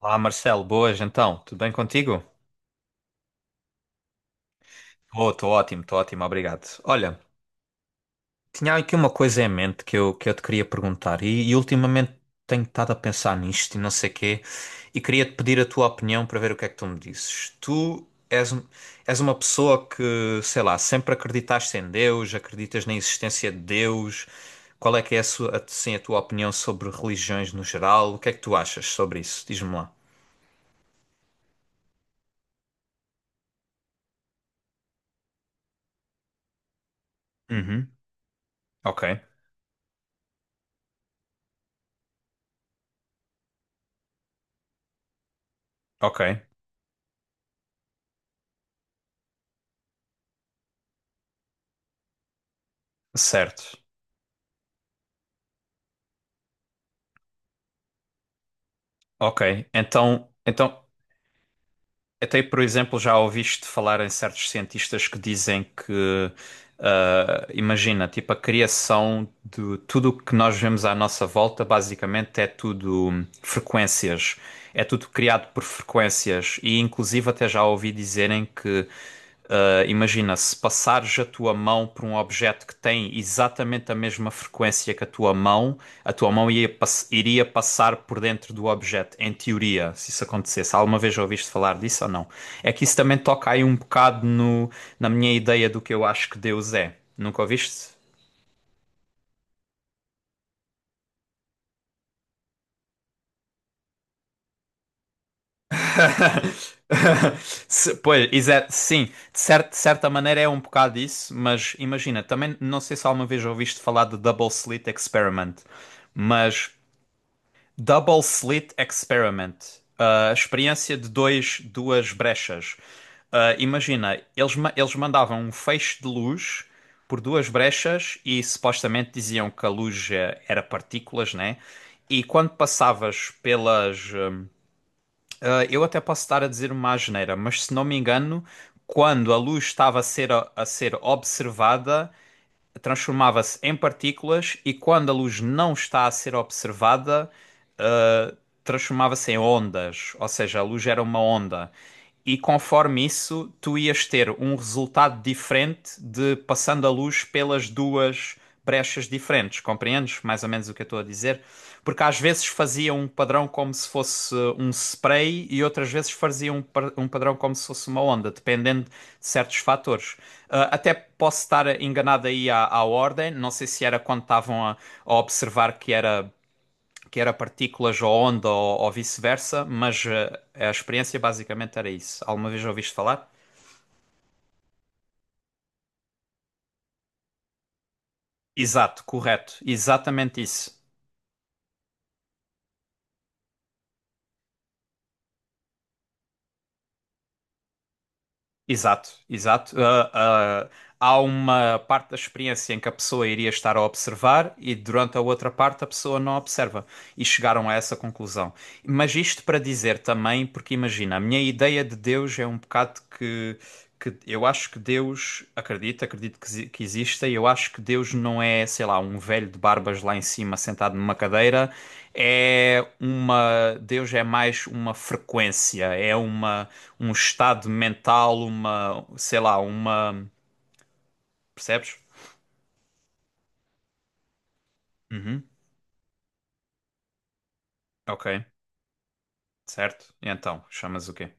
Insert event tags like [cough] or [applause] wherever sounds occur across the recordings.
Olá, Marcelo, boas então, tudo bem contigo? Oh, estou ótimo, obrigado. Olha, tinha aqui uma coisa em mente que eu te queria perguntar e ultimamente tenho estado a pensar nisto e não sei quê e queria-te pedir a tua opinião para ver o que é que tu me dizes. Tu és uma pessoa que, sei lá, sempre acreditaste em Deus, acreditas na existência de Deus. Qual é que é a tua opinião sobre religiões no geral? O que é que tu achas sobre isso? Diz-me lá. Uhum. Ok, ok, certo. Ok, então até por exemplo já ouviste falar em certos cientistas que dizem que imagina, tipo a criação de tudo o que nós vemos à nossa volta basicamente é tudo frequências, é tudo criado por frequências e inclusive até já ouvi dizerem que imagina, se passares a tua mão por um objeto que tem exatamente a mesma frequência que a tua mão iria passar por dentro do objeto, em teoria, se isso acontecesse. Alguma vez já ouviste falar disso ou não? É que isso também toca aí um bocado no, na minha ideia do que eu acho que Deus é. Nunca ouviste? [laughs] Pois, sim, de de certa maneira é um bocado isso, mas imagina, também não sei se alguma vez ouviste falar de Double Slit Experiment, mas Double Slit Experiment. A experiência de duas brechas. Ah, imagina, eles mandavam um feixe de luz por duas brechas e supostamente diziam que a luz era partículas, né? E quando passavas pelas. Eu até posso estar a dizer uma asneira, mas se não me engano, quando a luz estava a ser observada, transformava-se em partículas e quando a luz não está a ser observada ah, transformava-se em ondas, ou seja, a luz era uma onda. E conforme isso, tu ias ter um resultado diferente de passando a luz pelas duas brechas diferentes. Compreendes mais ou menos o que eu estou a dizer? Porque às vezes fazia um padrão como se fosse um spray e outras vezes fazia um padrão como se fosse uma onda, dependendo de certos fatores. Ah, até posso estar enganado aí à ordem, não sei se era quando estavam a observar que era partículas ou onda ou vice-versa, mas a experiência basicamente era isso. Alguma vez ouviste falar? Exato, correto, exatamente isso. Exato, exato. Há uma parte da experiência em que a pessoa iria estar a observar e durante a outra parte a pessoa não observa. E chegaram a essa conclusão. Mas isto para dizer também, porque imagina, a minha ideia de Deus é um bocado que eu acho que Deus, acredito que exista, e eu acho que Deus não é, sei lá, um velho de barbas lá em cima sentado numa cadeira. É uma. Deus é mais uma frequência, é uma um estado mental, uma, sei lá, uma, percebes? Uhum. Ok, certo. E então, chamas o quê?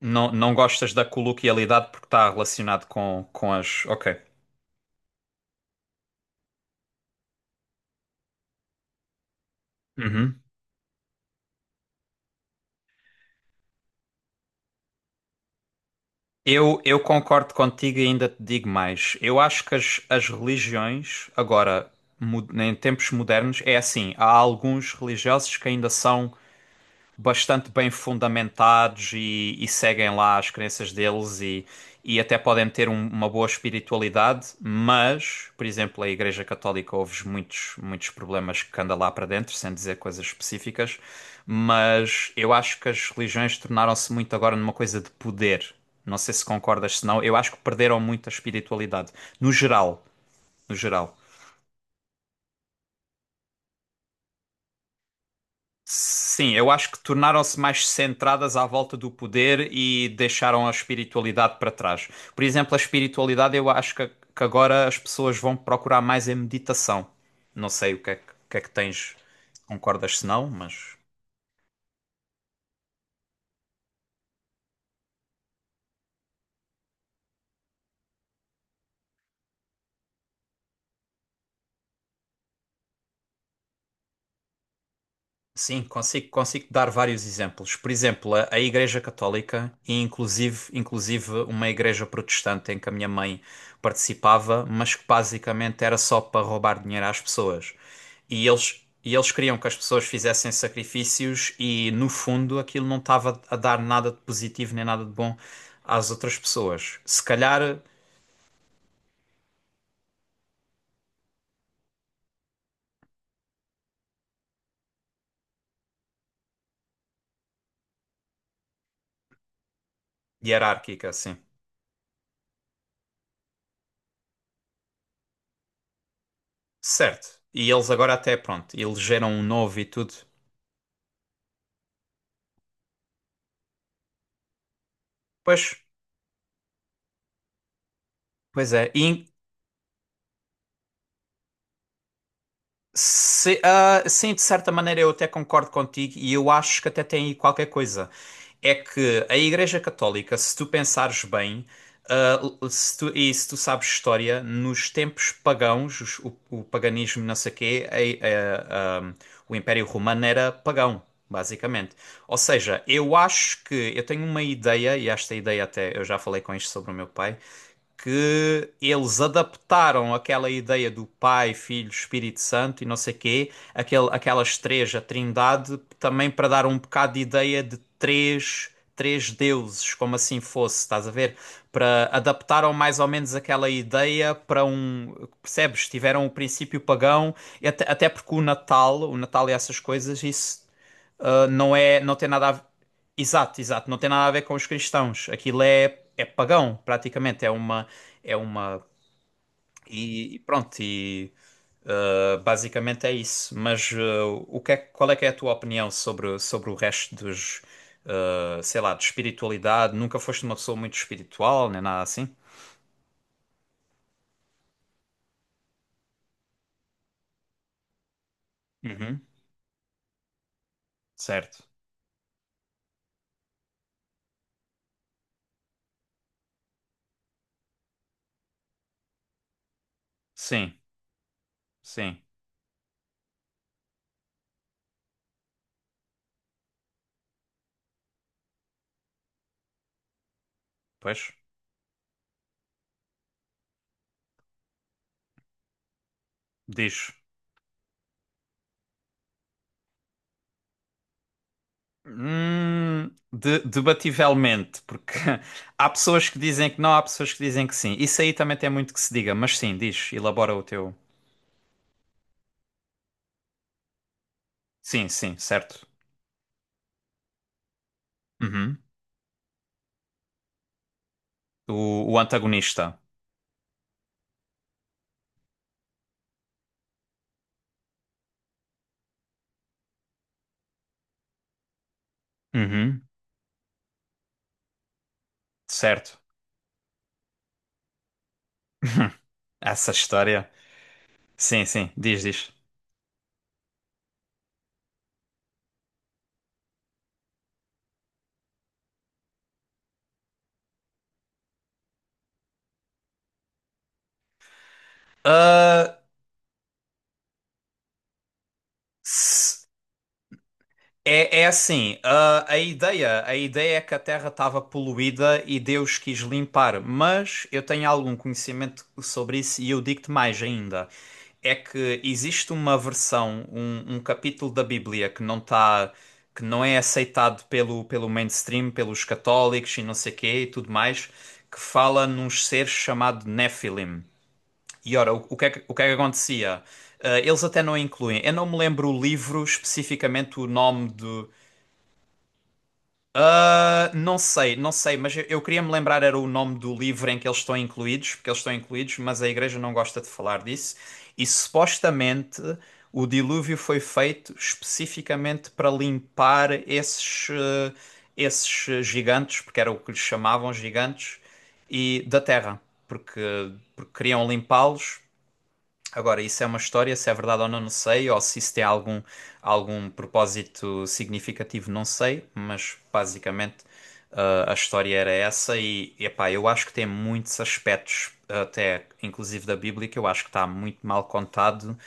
Não, não gostas da coloquialidade porque está relacionado com as. Ok. Uhum. Eu concordo contigo e ainda te digo mais. Eu acho que as religiões, agora, em tempos modernos, é assim: há alguns religiosos que ainda são bastante bem fundamentados e seguem lá as crenças deles e até podem ter uma boa espiritualidade, mas, por exemplo, a Igreja Católica houve muitos, muitos problemas que anda lá para dentro, sem dizer coisas específicas, mas eu acho que as religiões tornaram-se muito agora numa coisa de poder. Não sei se concordas, senão eu acho que perderam muito a espiritualidade, no geral, no geral. Sim, eu acho que tornaram-se mais centradas à volta do poder e deixaram a espiritualidade para trás. Por exemplo, a espiritualidade, eu acho que agora as pessoas vão procurar mais em meditação. Não sei o que é que tens, concordas se não, mas. Sim, consigo dar vários exemplos. Por exemplo, a Igreja Católica e inclusive uma igreja protestante em que a minha mãe participava, mas que basicamente era só para roubar dinheiro às pessoas. E eles queriam que as pessoas fizessem sacrifícios e, no fundo, aquilo não estava a dar nada de positivo nem nada de bom às outras pessoas. Se calhar hierárquica, sim. Certo. E eles agora até, pronto, elegeram um novo e tudo. Pois, pois é. Sim, de certa maneira eu até concordo contigo e eu acho que até tem aí qualquer coisa. É que a Igreja Católica, se tu pensares bem, ah, se tu- e se tu sabes história, nos tempos pagãos, o paganismo, não sei o quê, o Império Romano era pagão, basicamente. Ou seja, eu acho que eu tenho uma ideia, e esta ideia até eu já falei com isto sobre o meu pai, que eles adaptaram aquela ideia do Pai, Filho, Espírito Santo e não sei quê, aquelas três, a Trindade, também para dar um bocado de ideia de três, três deuses, como assim fosse, estás a ver? Para adaptaram mais ou menos aquela ideia para um, percebes? Tiveram o princípio pagão, e até porque o Natal e essas coisas, isso não é, não tem nada a ver... Exato, exato, não tem nada a ver com os cristãos. Aquilo é pagão, praticamente, é uma e pronto, e basicamente é isso. Mas qual é que é a tua opinião sobre o resto dos sei lá, de espiritualidade? Nunca foste uma pessoa muito espiritual, nem nada assim? Uhum, certo. Sim, sim. Pois, diz. Debativelmente, porque [laughs] há pessoas que dizem que não, há pessoas que dizem que sim. Isso aí também tem muito que se diga, mas sim, diz, elabora o teu. Sim, sim, certo. Uhum. O antagonista. Uhum. Certo. [laughs] Essa história. Sim, sim, diz, diz. Ah, se- é assim, a ideia é que a Terra estava poluída e Deus quis limpar, mas eu tenho algum conhecimento sobre isso e eu digo-te mais ainda. É que existe uma versão, um capítulo da Bíblia que não está, que não é aceitado pelo mainstream, pelos católicos e não sei quê e tudo mais, que fala num ser chamado Nephilim. E ora, o que é que acontecia? Ah, eles até não incluem. Eu não me lembro o livro, especificamente o nome de, não sei, não sei, mas eu queria me lembrar era o nome do livro em que eles estão incluídos, porque eles estão incluídos, mas a igreja não gosta de falar disso. E supostamente o dilúvio foi feito especificamente para limpar esses gigantes, porque era o que lhes chamavam gigantes, e da terra, porque, queriam limpá-los. Agora, isso é uma história, se é verdade ou não, não sei, ou se isso tem algum propósito significativo, não sei, mas basicamente a história era essa e, epá, eu acho que tem muitos aspectos, até inclusive da Bíblia, que eu acho que está muito mal contado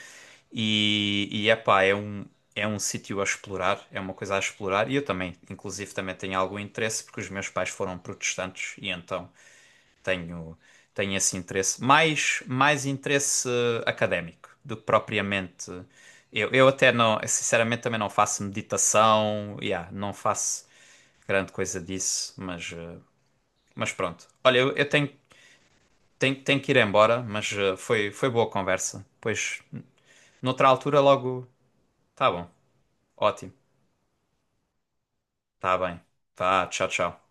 e epá, é um sítio a explorar, é uma coisa a explorar e eu também, inclusive, também tenho algum interesse porque os meus pais foram protestantes e então tenho, tenho esse interesse, mais, mais interesse académico do que propriamente. Eu até não, sinceramente, também não faço meditação, yeah, não faço grande coisa disso, mas pronto. Olha, eu tenho que ir embora, mas foi boa conversa. Pois, noutra altura, logo. Tá bom, ótimo, tá bem. Tá, tchau, tchau.